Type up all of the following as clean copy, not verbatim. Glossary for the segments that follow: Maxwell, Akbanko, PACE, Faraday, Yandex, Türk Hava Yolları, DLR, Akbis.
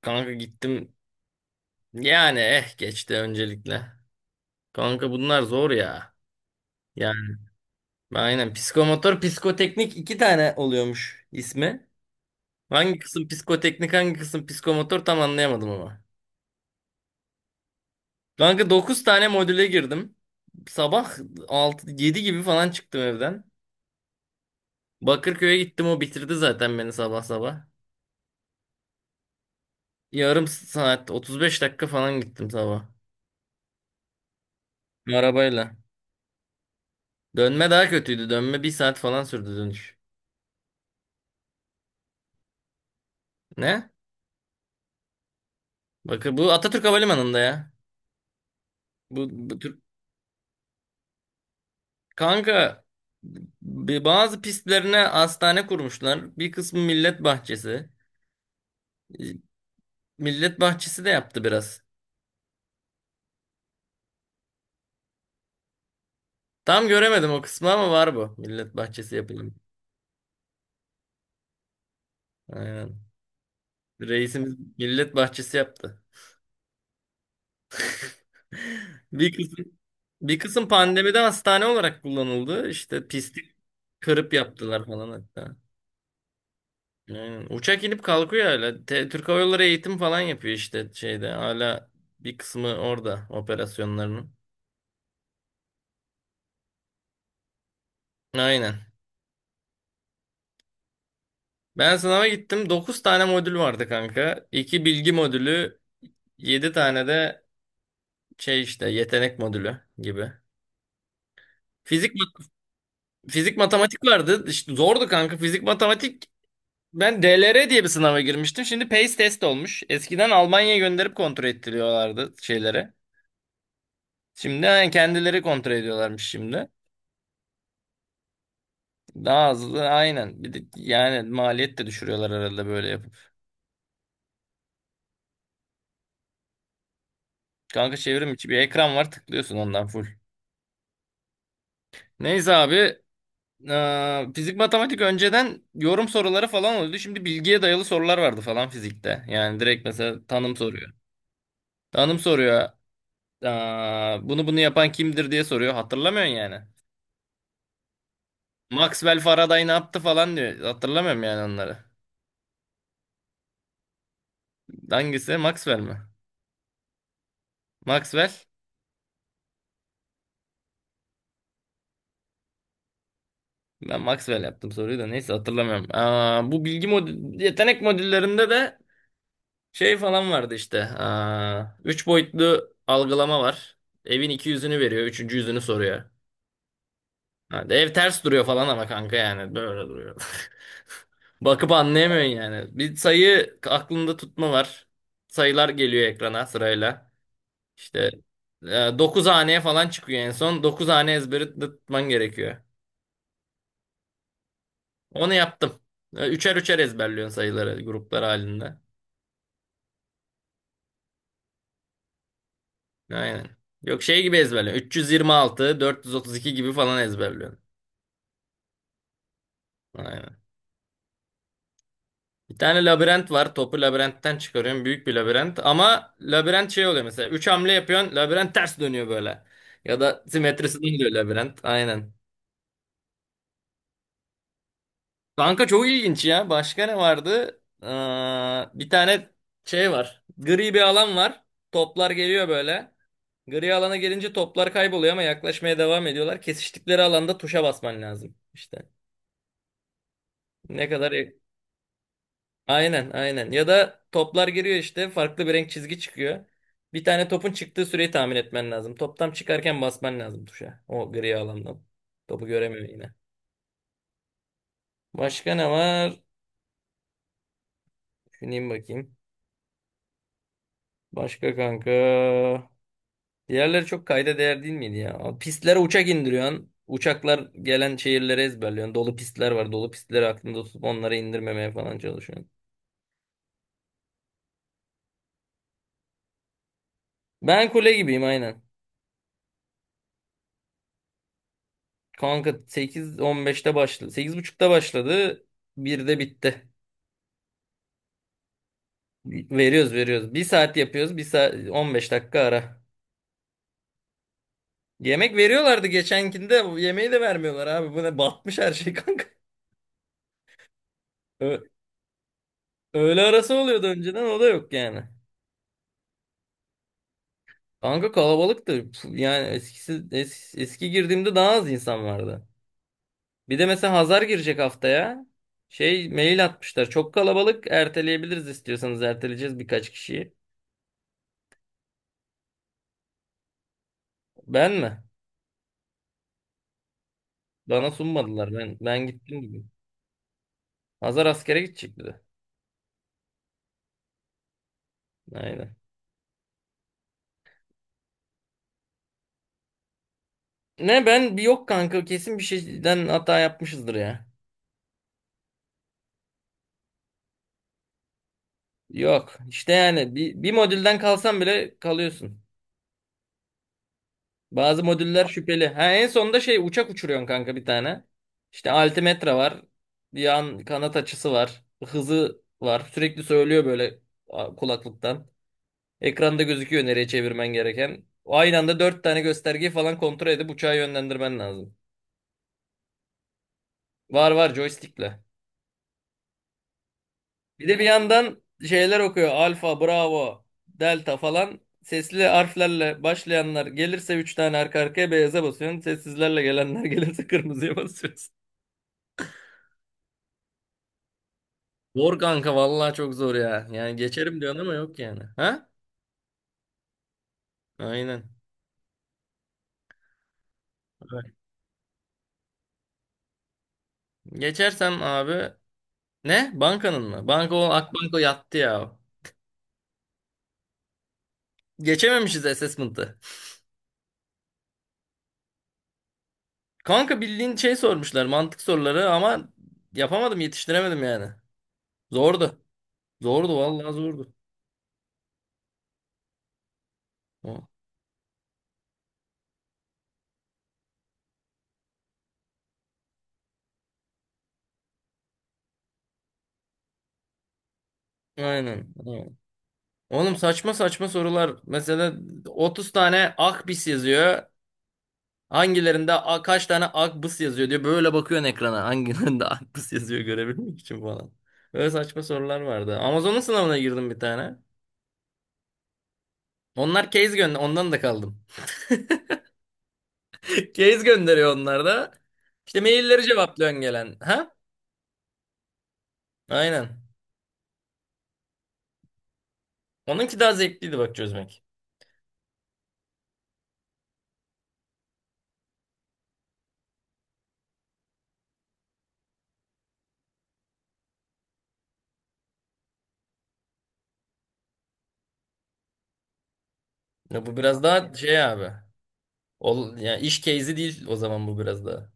Kanka gittim. Yani geçti öncelikle. Kanka bunlar zor ya. Yani aynen psikomotor, psikoteknik iki tane oluyormuş ismi. Hangi kısım psikoteknik, hangi kısım psikomotor tam anlayamadım ama. Kanka 9 tane modüle girdim. Sabah 6 7 gibi falan çıktım evden. Bakırköy'e gittim, o bitirdi zaten beni sabah sabah. Yarım saat 35 dakika falan gittim sabah. Arabayla. Dönme daha kötüydü. Dönme bir saat falan sürdü dönüş. Ne? Bakın, bu Atatürk Havalimanı'nda ya. Bu, bu Türk- Kanka bazı pistlerine hastane kurmuşlar. Bir kısmı millet bahçesi. E, Millet bahçesi de yaptı biraz. Tam göremedim o kısmı ama var bu. Millet bahçesi yapayım. Aynen. Reisimiz millet bahçesi yaptı. Bir kısım bir kısım pandemide hastane olarak kullanıldı. İşte pisti kırıp yaptılar falan hatta. Aynen. Uçak inip kalkıyor hala. Türk Hava Yolları eğitim falan yapıyor işte şeyde. Hala bir kısmı orada operasyonlarının. Aynen. Ben sınava gittim. 9 tane modül vardı kanka. 2 bilgi modülü, 7 tane de şey işte yetenek modülü gibi. Fizik mat- Fizik matematik vardı. İşte zordu kanka fizik matematik. Ben DLR diye bir sınava girmiştim. Şimdi PACE test olmuş. Eskiden Almanya'ya gönderip kontrol ettiriyorlardı şeylere. Şimdi yani kendileri kontrol ediyorlarmış şimdi. Daha hızlı aynen. Bir de yani maliyet de düşürüyorlar herhalde böyle yapıp. Kanka çevrim içi bir ekran var, tıklıyorsun ondan full. Neyse abi, fizik matematik önceden yorum soruları falan oluyordu. Şimdi bilgiye dayalı sorular vardı falan fizikte. Yani direkt mesela tanım soruyor. Tanım soruyor. Aa, bunu yapan kimdir diye soruyor. Hatırlamıyorsun yani. Maxwell Faraday ne yaptı falan diyor. Hatırlamıyorum yani onları. Hangisi? Maxwell mi? Maxwell? Ben Maxwell yaptım soruyu da neyse hatırlamıyorum. Aa, bu bilgi mod yetenek modüllerinde de şey falan vardı işte. Aa, üç boyutlu algılama var. Evin iki yüzünü veriyor, üçüncü yüzünü soruyor. Ha, de ev ters duruyor falan ama kanka yani böyle duruyor. Bakıp anlayamıyorsun yani. Bir sayı aklında tutma var. Sayılar geliyor ekrana sırayla. İşte e, 9 haneye falan çıkıyor en son. Dokuz hane ezberi tutman gerekiyor. Onu yaptım. Üçer üçer ezberliyorsun sayıları gruplar halinde. Aynen. Yok, şey gibi ezberliyorsun. 326, 432 gibi falan ezberliyorsun. Aynen. Bir tane labirent var. Topu labirentten çıkarıyorsun. Büyük bir labirent. Ama labirent şey oluyor mesela. 3 hamle yapıyorsun. Labirent ters dönüyor böyle. Ya da simetrisinden dönüyor labirent. Aynen. Kanka çok ilginç ya. Başka ne vardı? Bir tane şey var. Gri bir alan var. Toplar geliyor böyle. Gri alana gelince toplar kayboluyor ama yaklaşmaya devam ediyorlar. Kesiştikleri alanda tuşa basman lazım. İşte ne kadar... Aynen, aynen. Ya da toplar giriyor, işte farklı bir renk çizgi çıkıyor. Bir tane topun çıktığı süreyi tahmin etmen lazım. Top tam çıkarken basman lazım tuşa. O gri alandan. Topu göremiyor yine. Başka ne var? Düşüneyim bakayım. Başka kanka. Diğerleri çok kayda değer değil miydi ya? Pistlere uçak indiriyorsun. Uçaklar gelen şehirlere ezberliyorsun. Dolu pistler var. Dolu pistleri aklında tutup onları indirmemeye falan çalışıyorsun. Ben kule gibiyim aynen. Kanka 8.15'te başladı. 8.30'da başladı. Birde bitti. Veriyoruz, veriyoruz. Bir saat yapıyoruz. Bir saat 15 dakika ara. Yemek veriyorlardı geçenkinde. Bu yemeği de vermiyorlar abi. Bu ne batmış her şey kanka. Ö- Öğle arası oluyordu önceden, o da yok yani. Kanka kalabalıktı. Yani eski girdiğimde daha az insan vardı. Bir de mesela Hazar girecek haftaya. Şey, mail atmışlar. Çok kalabalık. Erteleyebiliriz, istiyorsanız erteleyeceğiz birkaç kişiyi. Ben mi? Bana sunmadılar. Ben gittim gibi. Hazar askere gidecek dedi. Aynen. Ne, ben bir yok kanka, kesin bir şeyden hata yapmışızdır ya. Yok. İşte yani bir modülden kalsan bile kalıyorsun. Bazı modüller şüpheli. Ha, en sonunda şey, uçak uçuruyorsun kanka bir tane. İşte altimetre var. Yan kanat açısı var. Hızı var. Sürekli söylüyor böyle kulaklıktan. Ekranda gözüküyor nereye çevirmen gereken. Aynı anda dört tane göstergeyi falan kontrol edip uçağı yönlendirmen lazım. Var, var, joystickle. Bir de bir yandan şeyler okuyor. Alfa, Bravo, Delta falan. Sesli harflerle başlayanlar gelirse üç tane arka arkaya beyaza basıyorsun. Sessizlerle gelenler gelirse kırmızıya basıyorsun. Zor kanka, vallahi çok zor ya. Yani geçerim diyorsun ama yok yani. Ha? Aynen. Evet. Geçersem abi ne? Bankanın mı? Banka, o Akbanko yattı ya. Geçememişiz assessment'ı. Kanka bildiğin şey sormuşlar, mantık soruları ama yapamadım, yetiştiremedim yani. Zordu. Zordu, vallahi zordu. O- Aynen. Aynen. Oğlum, saçma saçma sorular. Mesela 30 tane Akbis yazıyor. Hangilerinde kaç tane akbıs yazıyor diyor. Böyle bakıyorsun ekrana. Hangilerinde akbıs yazıyor görebilmek için falan. Böyle saçma sorular vardı. Amazon'un sınavına girdim bir tane. Onlar case gönder, ondan da kaldım. Case gönderiyor onlar da. İşte mailleri cevaplıyorsun gelen. Ha? Aynen. Onunki daha zevkliydi bak çözmek. Ya bu biraz daha şey abi. Yani iş case'i değil o zaman, bu biraz daha.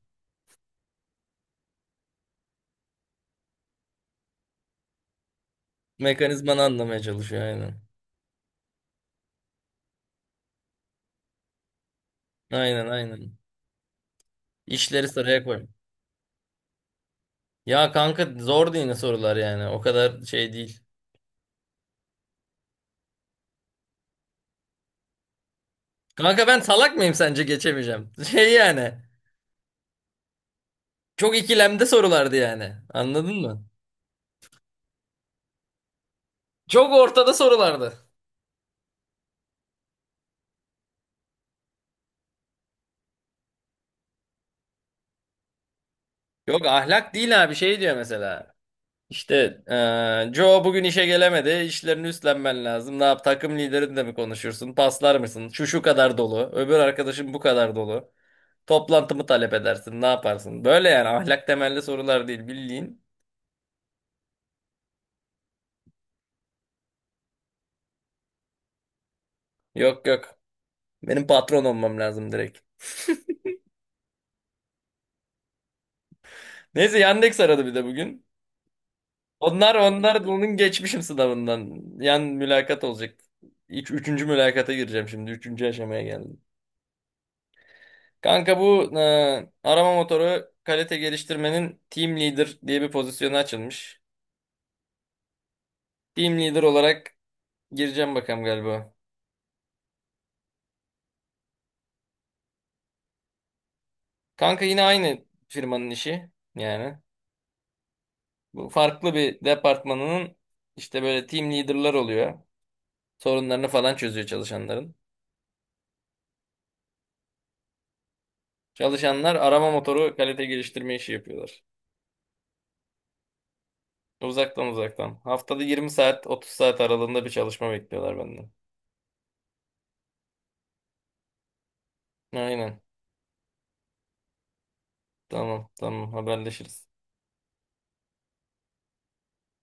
Mekanizmanı anlamaya çalışıyor aynen. Aynen, aynen. İşleri sıraya koymuş. Ya kanka, zor değil sorular yani. O kadar şey değil. Kanka ben salak mıyım sence geçemeyeceğim? Şey yani. Çok ikilemde sorulardı yani. Anladın mı? Çok ortada sorulardı. Yok, ahlak değil abi, şey diyor mesela. İşte Joe bugün işe gelemedi. İşlerini üstlenmen lazım. Ne yap, takım liderinle mi konuşursun? Paslar mısın? Şu şu kadar dolu. Öbür arkadaşım bu kadar dolu. Toplantımı talep edersin. Ne yaparsın? Böyle yani, ahlak temelli sorular değil bildiğin. Yok, yok. Benim patron olmam lazım direkt. Neyse, Yandex aradı bir de bugün. Onlar bunun geçmişim sınavından. Yan mülakat olacak. Üçüncü mülakata gireceğim şimdi. Üçüncü aşamaya geldim. Kanka bu arama motoru kalite geliştirmenin team leader diye bir pozisyonu açılmış. Team leader olarak gireceğim bakalım galiba. Kanka yine aynı firmanın işi yani. Bu farklı bir departmanının, işte böyle team leader'lar oluyor. Sorunlarını falan çözüyor çalışanların. Çalışanlar arama motoru kalite geliştirme işi yapıyorlar. Uzaktan, uzaktan. Haftada 20 saat 30 saat aralığında bir çalışma bekliyorlar benden. Aynen. Tamam, tamam, haberleşiriz.